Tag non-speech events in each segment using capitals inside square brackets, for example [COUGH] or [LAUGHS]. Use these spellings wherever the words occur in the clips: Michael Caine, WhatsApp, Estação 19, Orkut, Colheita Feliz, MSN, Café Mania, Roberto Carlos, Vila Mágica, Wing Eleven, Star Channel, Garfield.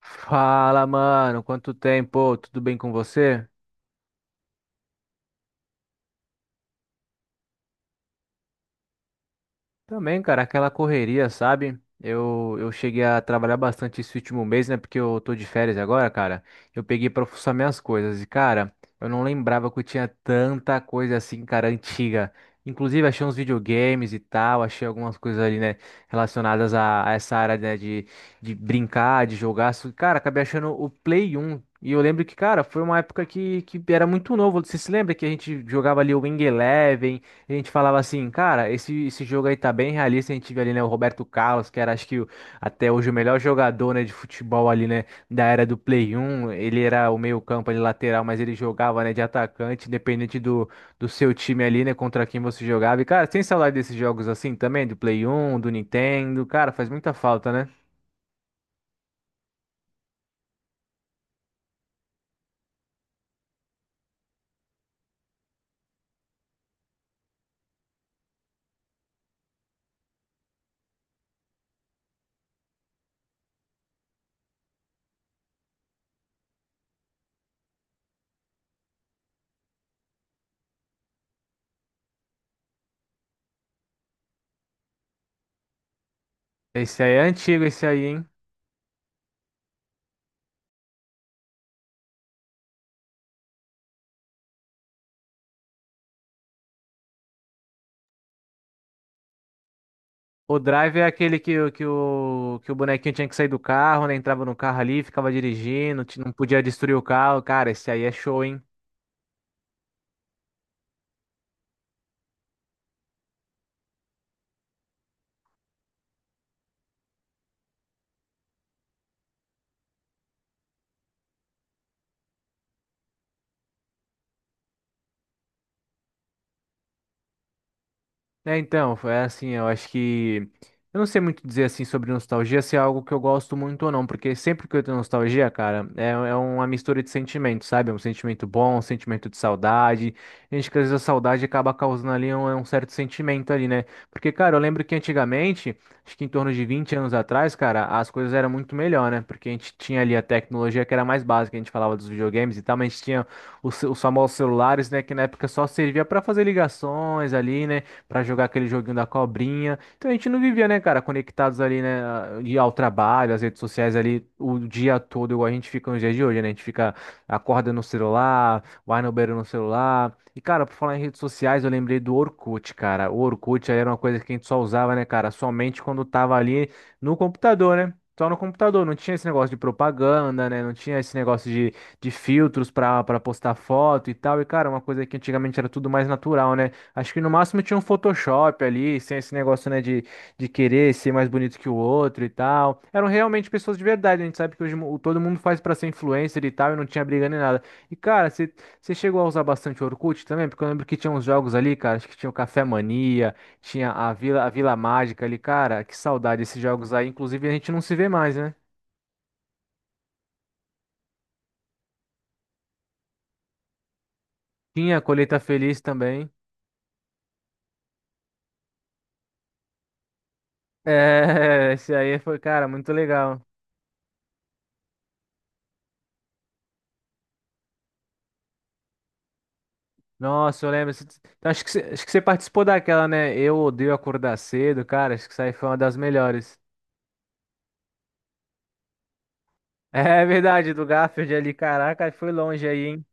Fala, mano, quanto tempo? Tudo bem com você? Também, cara, aquela correria, sabe? Eu cheguei a trabalhar bastante esse último mês, né? Porque eu tô de férias agora, cara. Eu peguei pra fuçar minhas coisas. E, cara, eu não lembrava que eu tinha tanta coisa assim, cara, antiga. Inclusive, achei uns videogames e tal. Achei algumas coisas ali, né? Relacionadas a essa área, né? De brincar, de jogar. Só que, cara, acabei achando o Play 1. E eu lembro que, cara, foi uma época que era muito novo. Você se lembra que a gente jogava ali o Wing Eleven? A gente falava assim, cara, esse jogo aí tá bem realista. A gente vê ali, né, o Roberto Carlos, que era, acho que, até hoje o melhor jogador, né, de futebol ali, né, da era do Play 1. Ele era o meio-campo ali, lateral, mas ele jogava, né, de atacante, independente do seu time ali, né, contra quem você jogava. E, cara, tem saudade desses jogos assim também, do Play 1, do Nintendo. Cara, faz muita falta, né? Esse aí é antigo, esse aí, hein? O drive é aquele que, que o bonequinho tinha que sair do carro, né? Entrava no carro ali, ficava dirigindo, não podia destruir o carro. Cara, esse aí é show, hein? É, então, foi assim, eu acho que. Eu não sei muito dizer assim sobre nostalgia, se é algo que eu gosto muito ou não, porque sempre que eu tenho nostalgia, cara, é uma mistura de sentimentos, sabe? É um sentimento bom, um sentimento de saudade. A gente, que às vezes a saudade acaba causando ali um certo sentimento ali, né? Porque, cara, eu lembro que antigamente, acho que em torno de 20 anos atrás, cara, as coisas eram muito melhor, né? Porque a gente tinha ali a tecnologia que era mais básica, a gente falava dos videogames e tal, mas a gente tinha os famosos celulares, né? Que na época só servia pra fazer ligações ali, né? Pra jogar aquele joguinho da cobrinha. Então a gente não vivia, né, cara, conectados ali, né, de ao trabalho, às redes sociais ali o dia todo, igual a gente fica nos dias de hoje, né? A gente fica, acorda no celular, vai no banheiro no celular. E, cara, por falar em redes sociais, eu lembrei do Orkut, cara. O Orkut aí era uma coisa que a gente só usava, né, cara, somente quando tava ali no computador, né? Só no computador, não tinha esse negócio de propaganda, né? Não tinha esse negócio de filtros pra postar foto e tal. E, cara, uma coisa que antigamente era tudo mais natural, né? Acho que no máximo tinha um Photoshop ali, sem esse negócio, né, de querer ser mais bonito que o outro e tal. Eram realmente pessoas de verdade, a gente sabe que hoje todo mundo faz pra ser influencer e tal, e não tinha briga nem nada. E, cara, você chegou a usar bastante o Orkut também? Porque eu lembro que tinha uns jogos ali, cara, acho que tinha o Café Mania, tinha a Vila Mágica ali, cara, que saudade esses jogos aí. Inclusive, a gente não se vê mais, né? Tinha a Colheita Feliz também. É, [LAUGHS] esse aí foi, cara, muito legal. Nossa, eu lembro. Então, acho que, acho que você participou daquela, né? Eu odeio acordar cedo, cara. Acho que isso aí foi uma das melhores. [LAUGHS] É verdade, do Garfield ali. Caraca, foi longe aí, hein?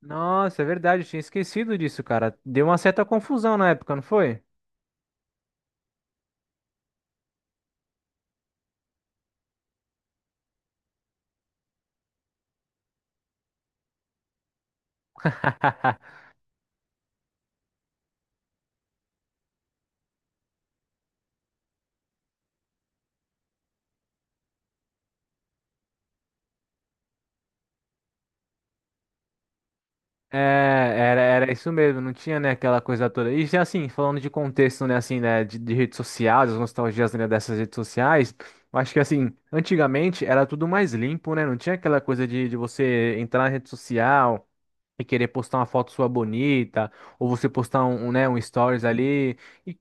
Nossa, é verdade. Eu tinha esquecido disso, cara. Deu uma certa confusão na época, não foi? [LAUGHS] É, era isso mesmo, não tinha, né, aquela coisa toda. E já, assim, falando de contexto, né, assim, né, de redes sociais, as nostalgias, né, dessas redes sociais, eu acho que, assim, antigamente era tudo mais limpo, né, não tinha aquela coisa de você entrar na rede social, e querer postar uma foto sua bonita, ou você postar um stories ali. E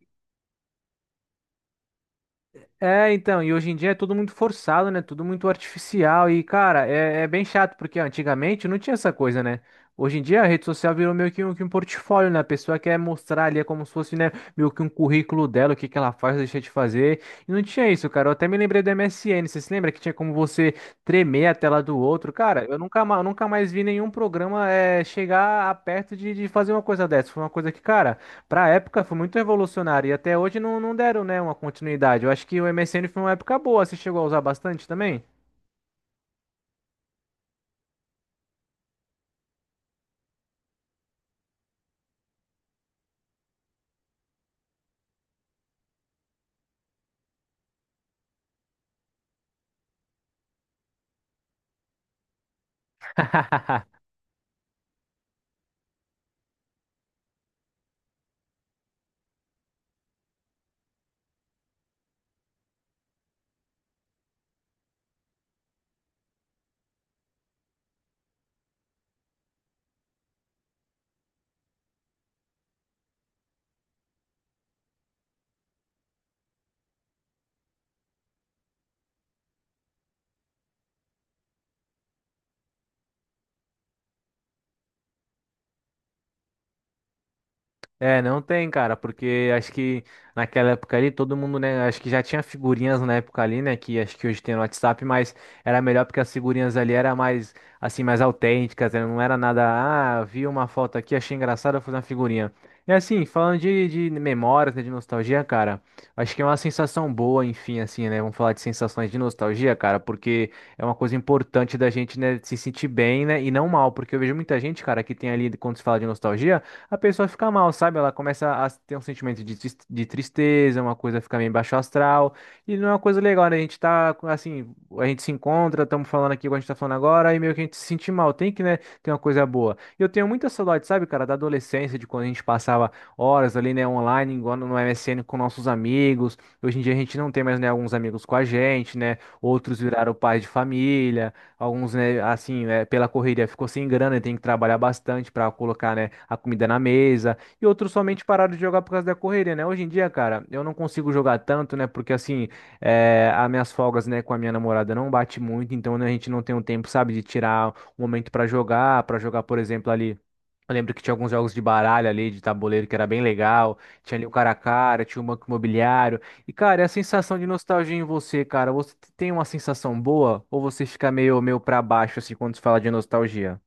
É, então, e hoje em dia é tudo muito forçado, né? Tudo muito artificial. E, cara, é bem chato, porque antigamente não tinha essa coisa, né? Hoje em dia a rede social virou meio que um portfólio, né? A pessoa quer mostrar ali, é como se fosse, né, meio que um currículo dela, o que que ela faz, deixa de fazer. E não tinha isso, cara. Eu até me lembrei do MSN. Você se lembra que tinha como você tremer a tela do outro? Cara, eu nunca, nunca mais vi nenhum programa chegar a perto de fazer uma coisa dessa. Foi uma coisa que, cara. Pra época foi muito revolucionário e até hoje não deram, né, uma continuidade. Eu acho que o MSN foi uma época boa. Você chegou a usar bastante também? [LAUGHS] É, não tem, cara, porque acho que naquela época ali todo mundo, né, acho que já tinha figurinhas na época ali, né, que acho que hoje tem no WhatsApp, mas era melhor porque as figurinhas ali era mais, assim, mais autênticas, né, não era nada, ah, vi uma foto aqui, achei engraçado, vou fazer uma figurinha. E assim, falando de memórias, né, de nostalgia, cara, acho que é uma sensação boa, enfim, assim, né, vamos falar de sensações de nostalgia, cara, porque é uma coisa importante da gente, né, se sentir bem, né, e não mal, porque eu vejo muita gente, cara, que tem ali, quando se fala de nostalgia, a pessoa fica mal, sabe? Ela começa a ter um sentimento de, de tristeza, uma coisa fica meio baixo astral, e não é uma coisa legal, né? A gente tá, assim, a gente se encontra, estamos falando aqui o que a gente tá falando agora, e meio que a gente se sente mal, tem que, né, ter uma coisa boa. E eu tenho muita saudade, sabe, cara, da adolescência, de quando a gente passava horas ali, né, online, igual no MSN com nossos amigos. Hoje em dia a gente não tem mais, né, alguns amigos com a gente, né? Outros viraram pais de família. Alguns, né, assim, né, pela correria ficou sem grana e tem que trabalhar bastante para colocar, né, a comida na mesa. E outros somente pararam de jogar por causa da correria, né? Hoje em dia, cara, eu não consigo jogar tanto, né? Porque, assim, é, as minhas folgas, né, com a minha namorada não bate muito. Então, né, a gente não tem um tempo, sabe, de tirar um momento para jogar, por exemplo, ali. Eu lembro que tinha alguns jogos de baralho ali, de tabuleiro, que era bem legal. Tinha ali o cara a cara, tinha o banco imobiliário. E, cara, é a sensação de nostalgia em você, cara. Você tem uma sensação boa ou você fica meio, meio pra baixo, assim, quando se fala de nostalgia?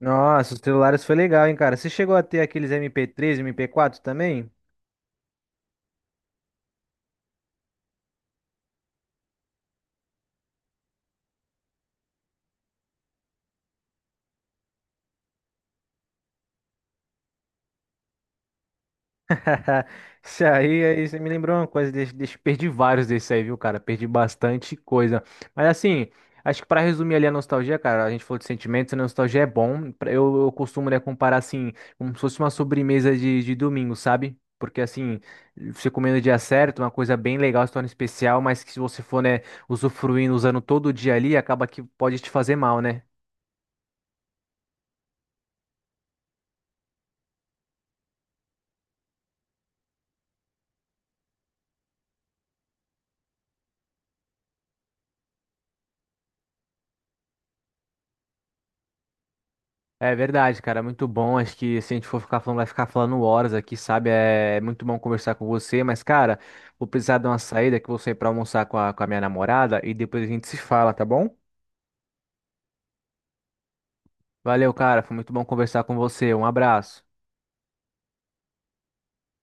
Nossa, os celulares foi legal, hein, cara? Você chegou a ter aqueles MP3, MP4 também? [LAUGHS] Isso aí, aí você me lembrou uma coisa, deixa, perdi vários desses aí, viu, cara? Perdi bastante coisa. Mas assim, acho que pra resumir ali a nostalgia, cara, a gente falou de sentimentos, a nostalgia é bom. Eu costumo, né, comparar assim, como se fosse uma sobremesa de domingo, sabe? Porque assim, você comendo no dia certo, uma coisa bem legal, se torna especial, mas que se você for, né, usufruindo, usando todo dia ali, acaba que pode te fazer mal, né? É verdade, cara, é muito bom. Acho que se a gente for ficar falando, vai ficar falando horas aqui, sabe? É muito bom conversar com você, mas, cara, vou precisar dar uma saída que eu vou sair pra almoçar com a minha namorada e depois a gente se fala, tá bom? Valeu, cara, foi muito bom conversar com você. Um abraço.